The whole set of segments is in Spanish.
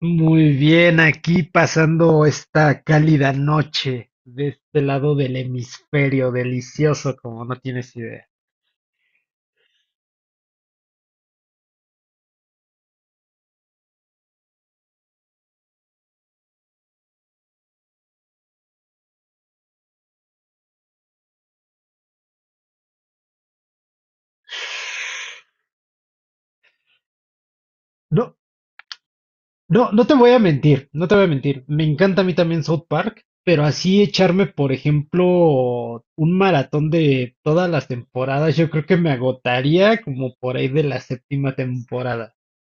Muy bien, aquí pasando esta cálida noche de este lado del hemisferio, delicioso como no tienes idea. No, no, no te voy a mentir, no te voy a mentir. Me encanta a mí también South Park, pero así echarme, por ejemplo, un maratón de todas las temporadas, yo creo que me agotaría como por ahí de la séptima temporada.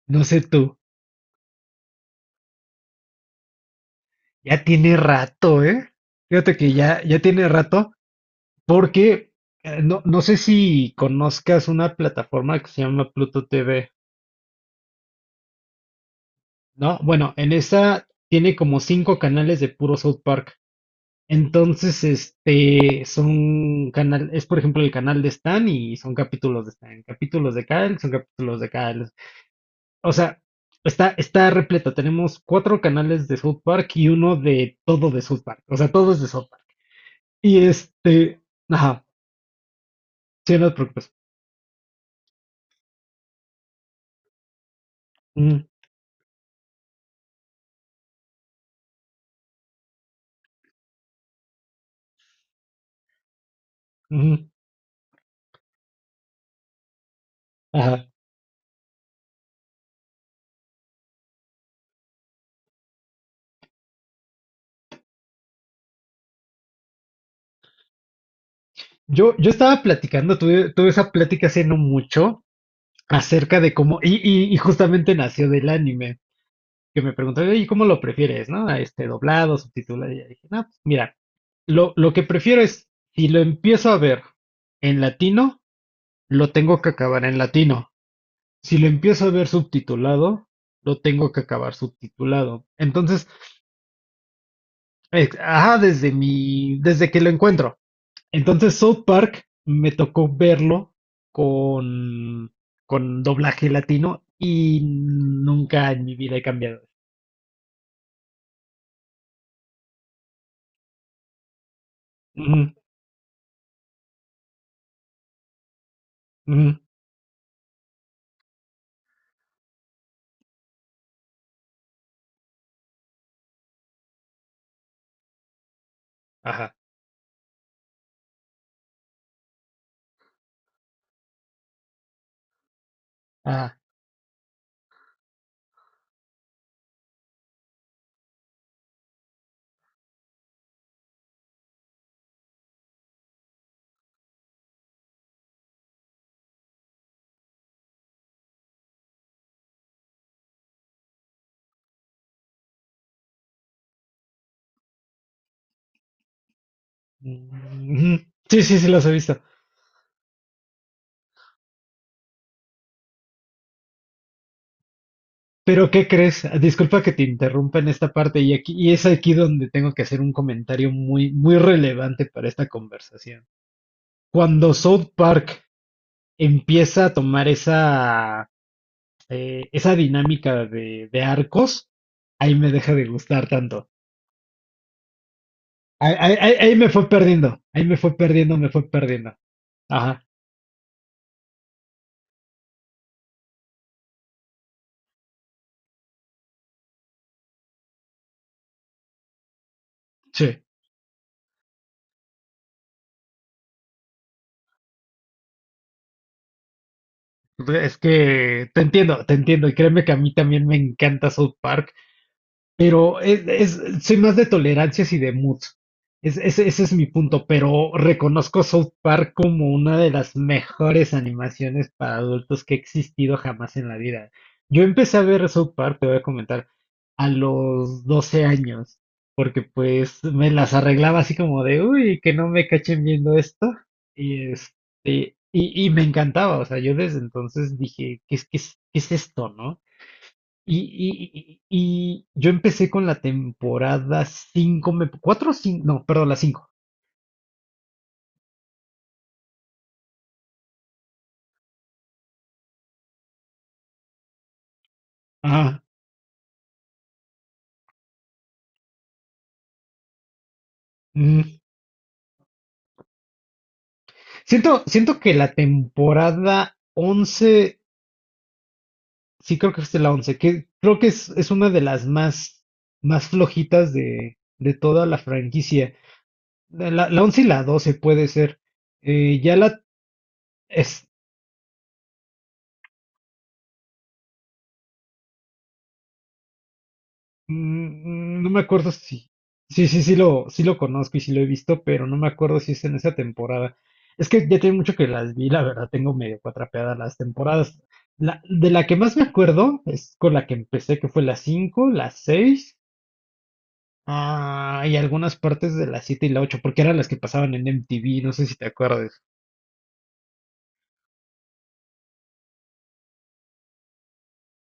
No sé tú, ya tiene rato, ¿eh? Fíjate que ya tiene rato. Porque no sé si conozcas una plataforma que se llama Pluto TV, ¿no? Bueno, en esa tiene como cinco canales de puro South Park. Entonces, es por ejemplo el canal de Stan y son capítulos de Stan, capítulos de Kyle, son capítulos de Kyle. O sea, está repleta. Tenemos cuatro canales de South Park y uno de todo de South Park. O sea, todo es de South Park. Y este, ajá, sí, no te preocupes. Ujú, ujú, ajá. Yo estaba platicando, tuve esa plática hace no mucho acerca de cómo, y justamente nació del anime, que me preguntaron, ¿y cómo lo prefieres, no? A Este doblado, subtitulado, y ya dije, no, pues mira, lo que prefiero es, si lo empiezo a ver en latino, lo tengo que acabar en latino. Si lo empiezo a ver subtitulado, lo tengo que acabar subtitulado. Entonces, ajá, desde que lo encuentro. Entonces South Park me tocó verlo con, con doblaje latino y nunca en mi vida he cambiado. Ujú, ujú, ajá, ajá, ujú. Sí, sí, sí, los he visto. Pero ¿qué crees? Disculpa que te interrumpa en esta parte y aquí y es aquí donde tengo que hacer un comentario muy muy relevante para esta conversación. Cuando South Park empieza a tomar esa esa dinámica de arcos, ahí me deja de gustar tanto. Ahí me fue perdiendo, ahí me fue perdiendo, me fue perdiendo. Ajá, sí. Es que te entiendo, te entiendo. Y créeme que a mí también me encanta South Park. Pero soy más de tolerancias y de mood. Ese es mi punto, pero reconozco South Park como una de las mejores animaciones para adultos que ha existido jamás en la vida. Yo empecé a ver South Park, te voy a comentar, a los 12 años, porque pues me las arreglaba así como de, uy, que no me cachen viendo esto. Y me encantaba, o sea, yo desde entonces dije, ¿qué es, qué es, qué es esto, no? Y yo empecé con la temporada 5 me, 4, 5, no, perdón, la cinco. Ajá. Mm. Siento que la temporada 11 sí creo que es la 11 que creo que es una de las más flojitas de toda la franquicia. La 11 y la 12 puede ser. Ya la, mm, mm. No me acuerdo si. Sí, sí, sí lo conozco y sí lo he visto, pero no me acuerdo si es en esa temporada. Es que ya tiene mucho que las vi, la verdad, tengo medio cuatrapeadas las temporadas. De la que más me acuerdo es con la que empecé, que fue la 5, la 6, y algunas partes de la 7 y la 8, porque eran las que pasaban en MTV, no sé si te acuerdas.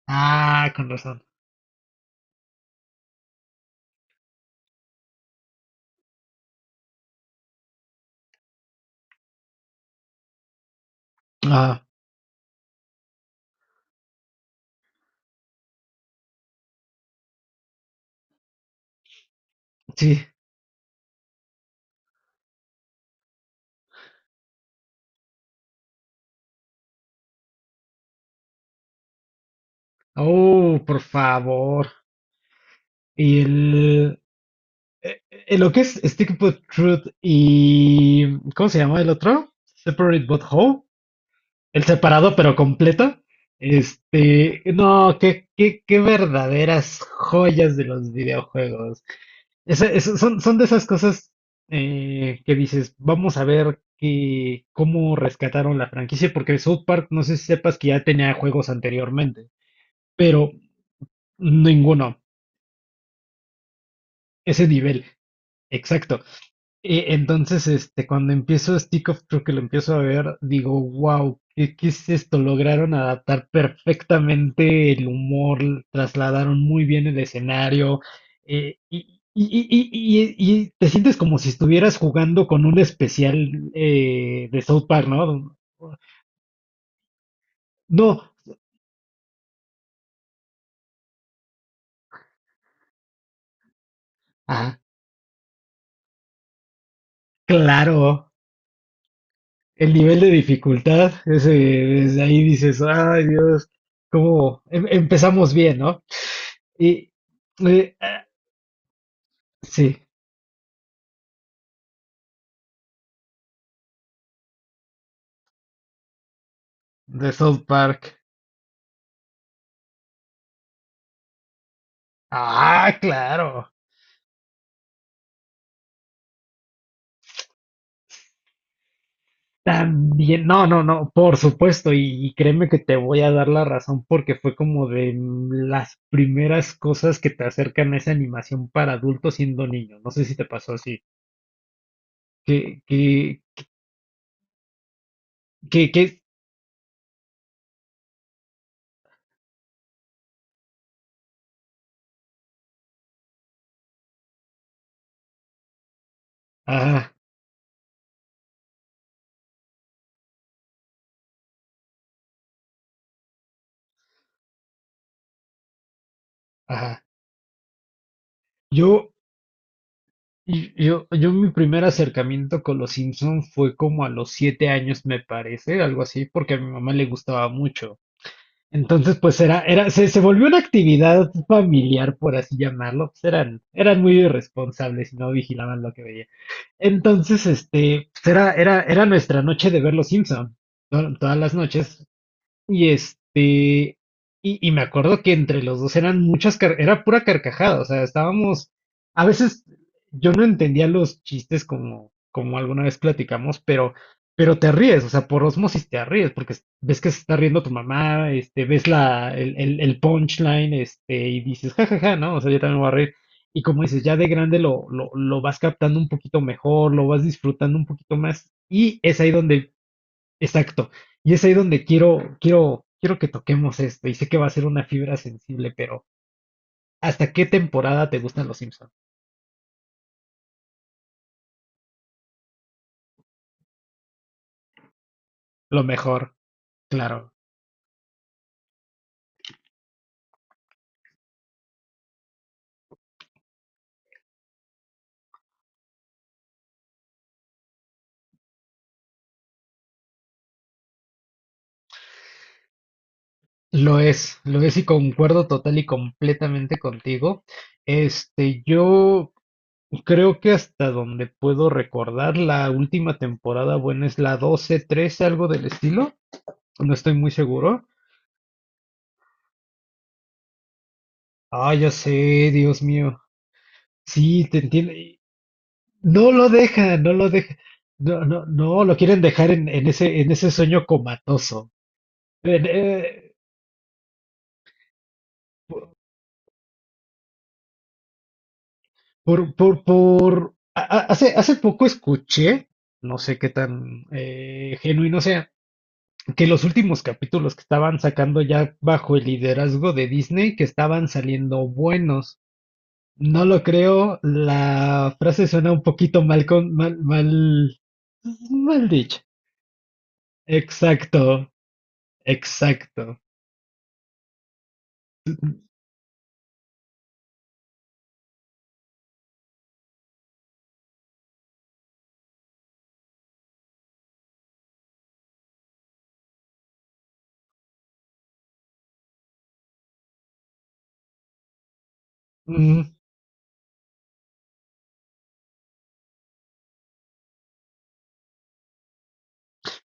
Ah, con razón. Ah, sí. Oh, por favor. Y el, lo que es Stick But Truth y. ¿Cómo se llama el otro? Separate But Whole. El separado pero completo. No qué verdaderas joyas de los videojuegos. Son de esas cosas que dices, vamos a ver cómo rescataron la franquicia, porque South Park, no sé si sepas que ya tenía juegos anteriormente, pero ninguno. Ese nivel. Exacto. Entonces, cuando empiezo Stick of Truth, que lo empiezo a ver, digo, wow, ¿qué es esto? Lograron adaptar perfectamente el humor, trasladaron muy bien el escenario, y te sientes como si estuvieras jugando con un especial de South Park, ¿no? No, ah, claro, el nivel de dificultad, ese, desde ahí dices, ay Dios, cómo empezamos bien, ¿no? Y, eh, sí, de South Park. Ah, claro. También, no, no, no, por supuesto, y créeme que te voy a dar la razón porque fue como de las primeras cosas que te acercan a esa animación para adultos siendo niño. No sé si te pasó así. Que, que, que, que, Ajá, ajá. Yo, yo mi primer acercamiento con los Simpson fue como a los 7 años, me parece, algo así, porque a mi mamá le gustaba mucho. Entonces, pues era, se volvió una actividad familiar, por así llamarlo. Pues eran muy irresponsables y no vigilaban lo que veía. Entonces, pues era nuestra noche de ver Los Simpson. Todas las noches y este, y, y me acuerdo que entre los dos eran era pura carcajada, o sea, estábamos, a veces yo no entendía los chistes como alguna vez platicamos, pero te ríes, o sea, por osmosis te ríes, porque ves que se está riendo tu mamá, ves el punchline, y dices, jajaja, ¿no? O sea, yo también me voy a reír. Y como dices, ya de grande lo vas captando un poquito mejor, lo vas disfrutando un poquito más, y es ahí donde. Exacto. Y es ahí donde quiero que toquemos esto. Y sé que va a ser una fibra sensible, pero ¿hasta qué temporada te gustan los Simpsons? Lo mejor, claro. Lo es y concuerdo total y completamente contigo. Yo creo que hasta donde puedo recordar, la última temporada, bueno, es la 12 13, algo del estilo. No estoy muy seguro. Ah, ya sé, Dios mío. Sí, te entiendo. No lo deja, no lo deja. No, no, no, lo quieren dejar en ese sueño comatoso. En, por, por. A- hace, hace poco escuché, no sé qué tan genuino sea, que los últimos capítulos que estaban sacando ya bajo el liderazgo de Disney, que estaban saliendo buenos. No lo creo, la frase suena un poquito mal con, mal, mal, mal dicha. Exacto, exacto. Mm.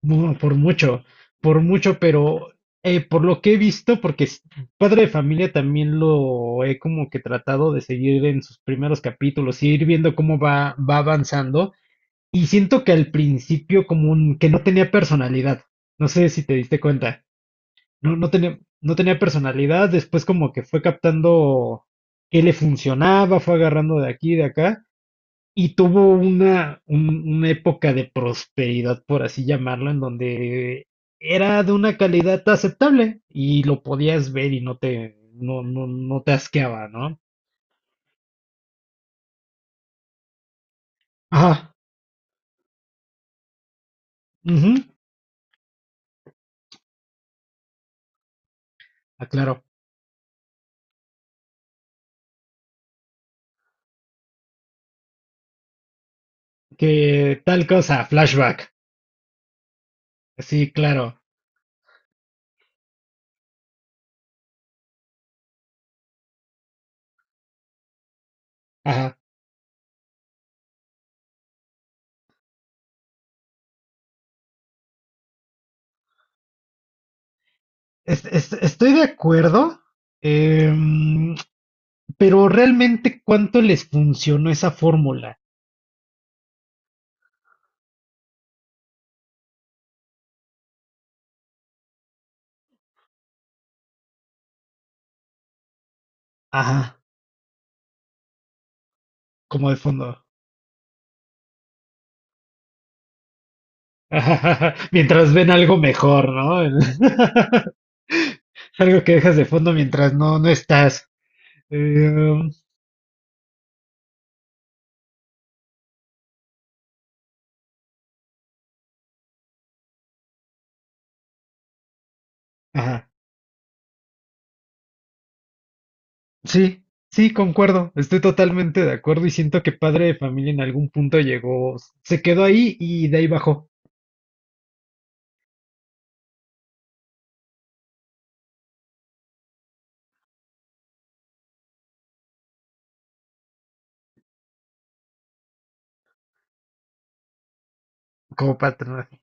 Por mucho, por mucho, pero por lo que he visto, porque Padre de Familia también lo he como que tratado de seguir en sus primeros capítulos y ir viendo cómo va avanzando. Y siento que al principio como que no tenía personalidad. No sé si te diste cuenta. No, no tenía, no tenía personalidad. Después como que fue captando qué le funcionaba, fue agarrando de aquí, de acá. Y tuvo una época de prosperidad, por así llamarlo, en donde era de una calidad aceptable y lo podías ver y no te asqueaba, ¿no? Ajá, ujú, aclaro. Que tal cosa, flashback. Sí, claro. Ajá. Estoy de acuerdo, em, pero realmente cuánto les funcionó esa fórmula. Ajá, como de fondo. Mientras ven algo mejor, ¿no? Algo que dejas de fondo mientras no estás. Em, ajá. Sí, sí, concuerdo. Estoy totalmente de acuerdo y siento que Padre de Familia en algún punto llegó, se quedó ahí y de ahí bajó como patronaje.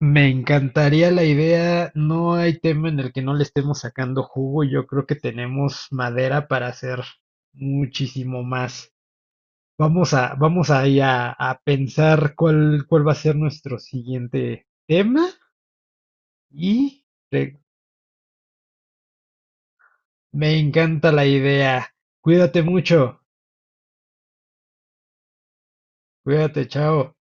Me encantaría la idea. No hay tema en el que no le estemos sacando jugo. Yo creo que tenemos madera para hacer muchísimo más. Vamos ahí a pensar cuál va a ser nuestro siguiente tema. Y me encanta la idea. Cuídate mucho. Cuídate, chao.